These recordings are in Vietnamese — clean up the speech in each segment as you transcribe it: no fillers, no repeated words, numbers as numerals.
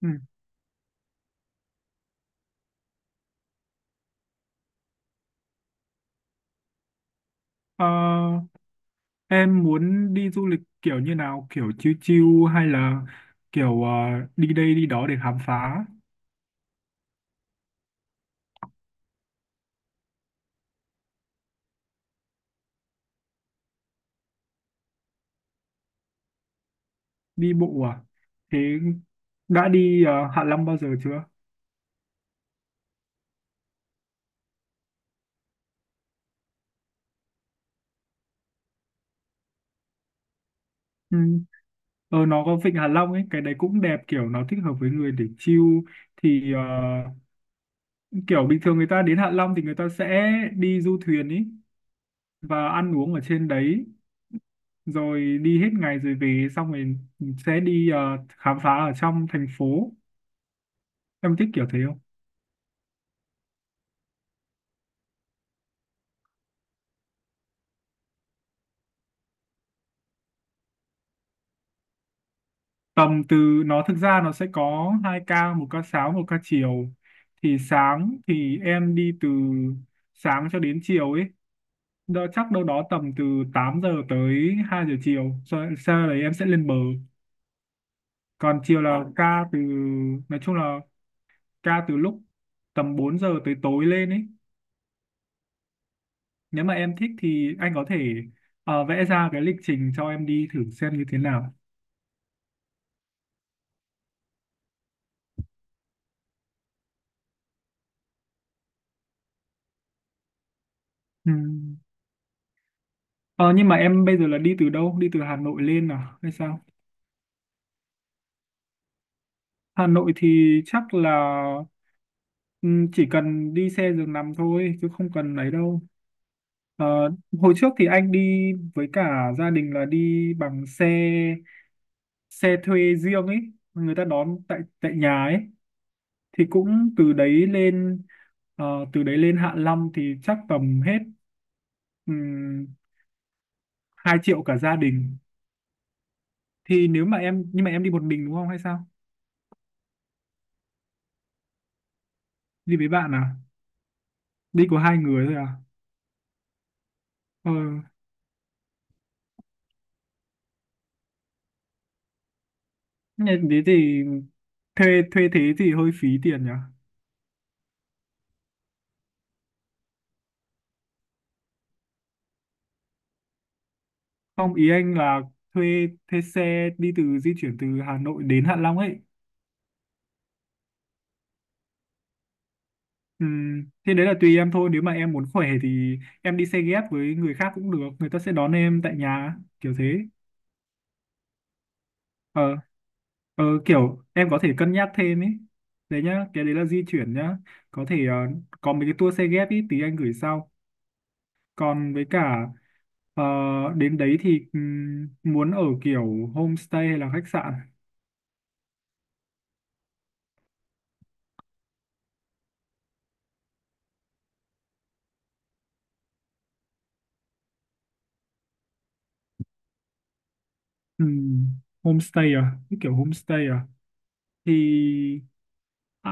Ừ. Ờ, em muốn đi du lịch kiểu như nào, kiểu chill chill hay là kiểu đi đây đi đó để khám phá, đi bộ à? Thế đã đi Hạ Long bao giờ chưa? Ừ. Nó có vịnh Hạ Long ấy, cái đấy cũng đẹp, kiểu nó thích hợp với người để chill. Thì kiểu bình thường người ta đến Hạ Long thì người ta sẽ đi du thuyền ấy và ăn uống ở trên đấy, rồi đi hết ngày rồi về, xong rồi sẽ đi khám phá ở trong thành phố. Em thích kiểu thế. Tầm từ, nó thực ra nó sẽ có hai ca, một ca sáng một ca chiều. Thì sáng thì em đi từ sáng cho đến chiều ấy, đó chắc đâu đó tầm từ 8 giờ tới 2 giờ chiều. Sau đấy em sẽ lên bờ, còn chiều là ca từ, nói chung là ca từ lúc tầm 4 giờ tới tối lên ấy. Nếu mà em thích thì anh có thể vẽ ra cái lịch trình cho em đi thử xem như thế nào. Ừm. Ờ, nhưng mà em bây giờ là đi từ đâu, đi từ Hà Nội lên à hay sao? Hà Nội thì chắc là, ừ, chỉ cần đi xe giường nằm thôi chứ không cần ấy đâu. Ờ, hồi trước thì anh đi với cả gia đình là đi bằng xe xe thuê riêng ấy, người ta đón tại tại nhà ấy, thì cũng từ đấy lên. Ờ, từ đấy lên Hạ Long thì chắc tầm hết um, 2 triệu cả gia đình. Thì nếu mà em, nhưng mà em đi một mình đúng không hay sao? Đi với bạn à? Đi có hai người thôi à? Ờ nên thế thì thuê thuê thế thì hơi phí tiền nhỉ. Không, ý anh là thuê thuê xe đi từ, di chuyển từ Hà Nội đến Hạ Long ấy. Thế đấy là tùy em thôi, nếu mà em muốn khỏe thì em đi xe ghép với người khác cũng được, người ta sẽ đón em tại nhà kiểu thế. ờ Kiểu em có thể cân nhắc thêm ấy, đấy nhá, cái đấy là di chuyển nhá. Có thể có mấy cái tour xe ghép ý, tí anh gửi sau. Còn với cả ờ, đến đấy thì muốn ở kiểu homestay hay là khách sạn? Ừ, homestay à? Cái kiểu homestay à? Thì à,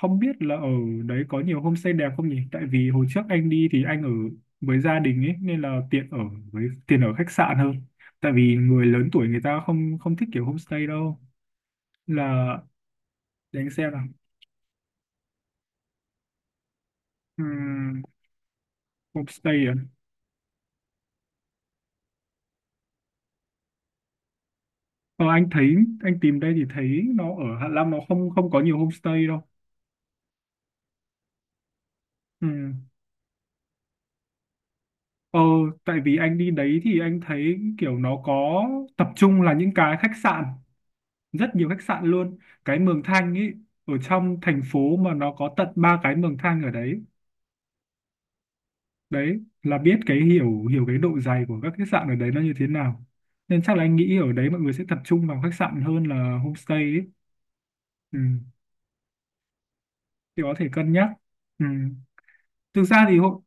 không biết là ở đấy có nhiều homestay đẹp không nhỉ? Tại vì hồi trước anh đi thì anh ở với gia đình ấy nên là tiện ở với tiền ở khách sạn hơn. Tại vì người lớn tuổi người ta không không thích kiểu homestay đâu. Là để anh xem nào. Ừm, homestay à? Ờ, anh thấy, anh tìm đây thì thấy nó ở Hạ Long nó không không có nhiều homestay đâu. Ừ. Ờ, tại vì anh đi đấy thì anh thấy kiểu nó có tập trung là những cái khách sạn, rất nhiều khách sạn luôn. Cái Mường Thanh ấy, ở trong thành phố mà nó có tận ba cái Mường Thanh ở đấy. Đấy, là biết cái, hiểu hiểu cái độ dày của các khách sạn ở đấy nó như thế nào. Nên chắc là anh nghĩ ở đấy mọi người sẽ tập trung vào khách sạn hơn là homestay ấy. Ừ, thì có thể cân nhắc. Ừ. Thực ra thì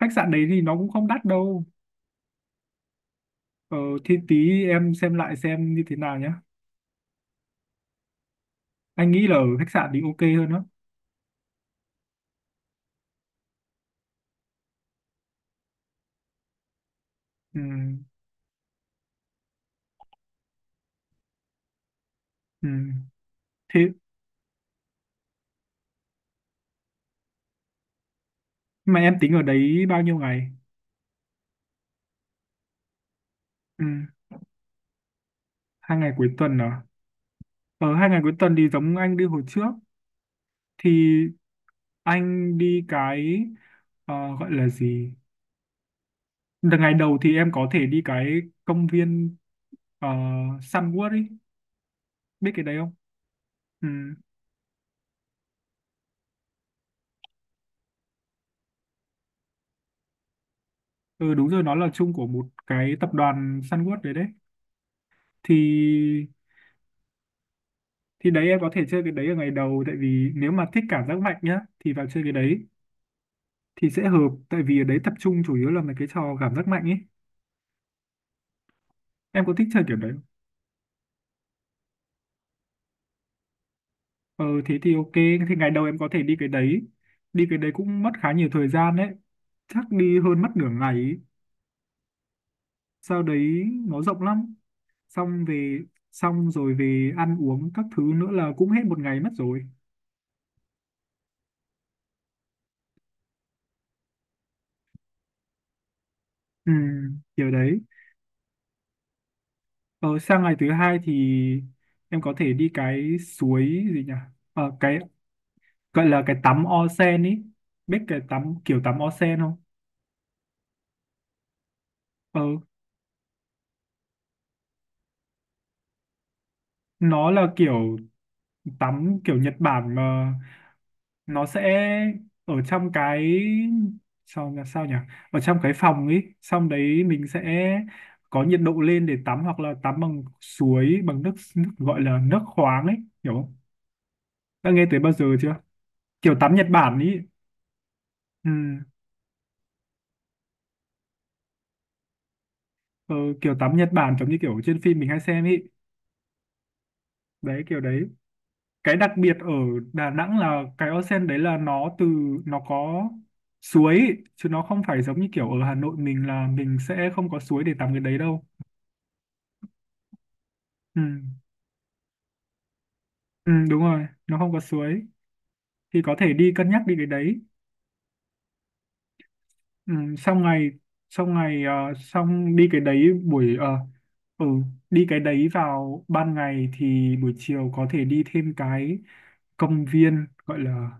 khách sạn đấy thì nó cũng không đắt đâu. Ờ, thì tí em xem lại xem như thế nào nhé. Anh nghĩ là ở khách sạn thì ok hơn đó. Ừ, ừ. Thế mà em tính ở đấy bao nhiêu ngày? Ừ, hai ngày cuối tuần à? Ở hai ngày cuối tuần thì giống anh đi hồi trước, thì anh đi cái, ờ, gọi là gì? Ngày đầu thì em có thể đi cái công viên ờ, Sunwood ấy, biết cái đấy không? Ừ. Ừ, đúng rồi, nó là chung của một cái tập đoàn Sunwood đấy đấy. Thì thì đấy em có thể chơi cái đấy ở ngày đầu, tại vì nếu mà thích cảm giác mạnh nhá thì vào chơi cái đấy thì sẽ hợp, tại vì ở đấy tập trung chủ yếu là mấy cái trò cảm giác mạnh ấy. Em có thích chơi kiểu đấy không? Ờ thế thì ok, thì ngày đầu em có thể đi cái đấy, đi cái đấy cũng mất khá nhiều thời gian đấy, chắc đi hơn mất nửa ngày ấy. Sau đấy nó rộng lắm, xong về, xong rồi về ăn uống các thứ nữa là cũng hết một ngày mất rồi. Ừ, kiểu đấy. Ờ, sang ngày thứ hai thì em có thể đi cái suối gì nhỉ, cái gọi là cái tắm onsen ý, biết cái tắm, kiểu tắm onsen không? ờ nó là kiểu tắm kiểu Nhật Bản mà, nó sẽ ở trong cái, sao là sao nhỉ, ở trong cái phòng ấy xong đấy mình sẽ có nhiệt độ lên để tắm hoặc là tắm bằng suối bằng nước, gọi là nước khoáng ấy, hiểu không? Đã nghe tới bao giờ chưa? Kiểu tắm Nhật Bản ấy. Ừ, ờ, kiểu tắm Nhật Bản giống như kiểu trên phim mình hay xem ấy, đấy kiểu đấy. Cái đặc biệt ở Đà Nẵng là cái onsen đấy là nó từ, nó có suối ý, chứ nó không phải giống như kiểu ở Hà Nội mình, là mình sẽ không có suối để tắm cái đấy đâu. Ừ. Ừ đúng rồi, nó không có suối, thì có thể đi cân nhắc đi cái đấy. Ừ. Xong ngày, xong đi cái đấy buổi, ừ đi cái đấy vào ban ngày thì buổi chiều có thể đi thêm cái công viên gọi là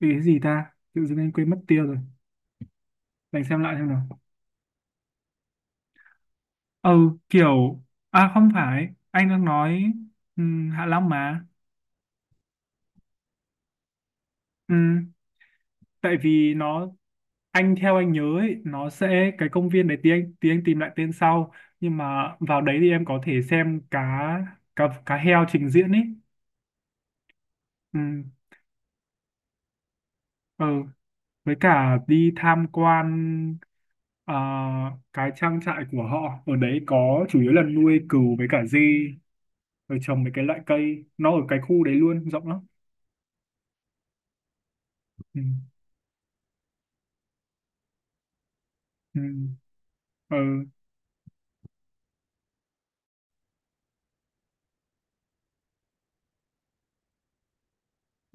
cái gì ta, tự dưng anh quên mất tiêu rồi, để anh xem lại xem nào. ừ kiểu à không phải, anh đang nói Hạ Long mà. Ừm, tại vì nó, anh theo anh nhớ ấy, nó sẽ cái công viên đấy, tí anh tìm lại tên sau. Nhưng mà vào đấy thì em có thể xem cá cá cá heo trình diễn ấy. Ừm, ừ, với cả đi tham quan ờ, cái trang trại của họ, ở đấy có chủ yếu là nuôi cừu với cả dê, rồi trồng mấy cái loại cây, nó ở cái khu đấy luôn rộng lắm. Ừm, ừm. Ờ, ừ.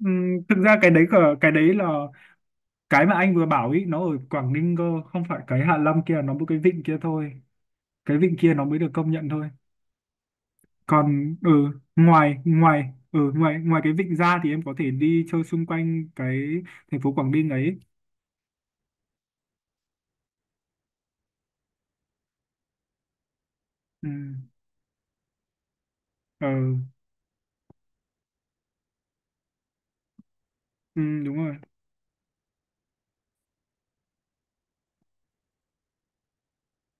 Thực ra cái đấy, cái đấy là cái mà anh vừa bảo ý, nó ở Quảng Ninh cơ, không phải cái Hạ Long kia, nó một cái vịnh kia thôi, cái vịnh kia nó mới được công nhận thôi. Còn ngoài ngoài ừ, ngoài ngoài cái vịnh ra thì em có thể đi chơi xung quanh cái thành phố Quảng Ninh ấy. Ừ. Ừ. Ừ, đúng rồi.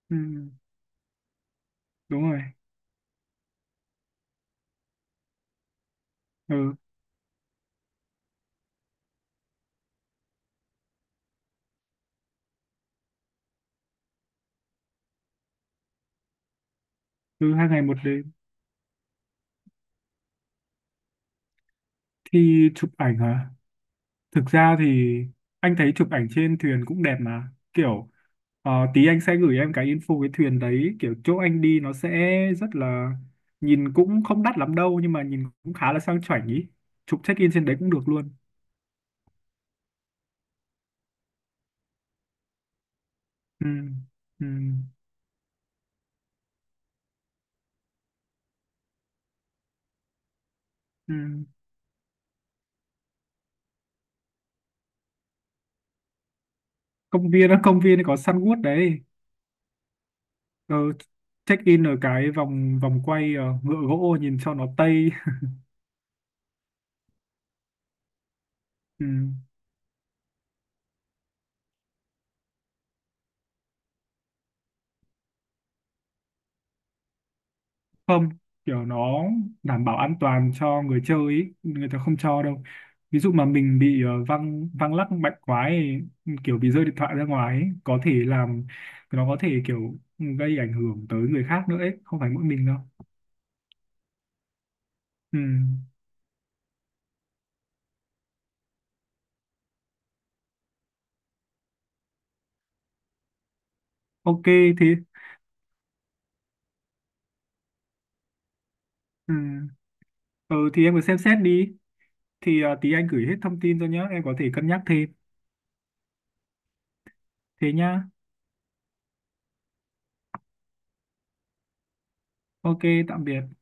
Ừ. Đúng rồi. Ừ. Ừ, hai ngày một đêm. Thì chụp ảnh hả? Thực ra thì anh thấy chụp ảnh trên thuyền cũng đẹp mà. Kiểu tí anh sẽ gửi em cái info cái thuyền đấy. Kiểu chỗ anh đi nó sẽ rất là, nhìn cũng không đắt lắm đâu nhưng mà nhìn cũng khá là sang chảnh ý. Chụp check in trên đấy cũng được luôn. Ừ, ừ, ừ. Công viên á, công viên có săn gút đấy. Ờ, check in ở cái vòng vòng quay, ngựa gỗ nhìn cho nó tây. Ừ. Không, kiểu nó đảm bảo an toàn cho người chơi ý, người ta không cho đâu. Ví dụ mà mình bị văng văng lắc mạnh quá ấy, kiểu bị rơi điện thoại ra ngoài ấy, có thể làm, nó có thể kiểu gây ảnh hưởng tới người khác nữa ấy, không phải mỗi mình đâu. Ừ. Ok thì ừ. Ừ thì em cứ xem xét đi, thì tí anh gửi hết thông tin cho nhá, em có thể cân nhắc thêm. Thế nhá. Ok. Tạm biệt.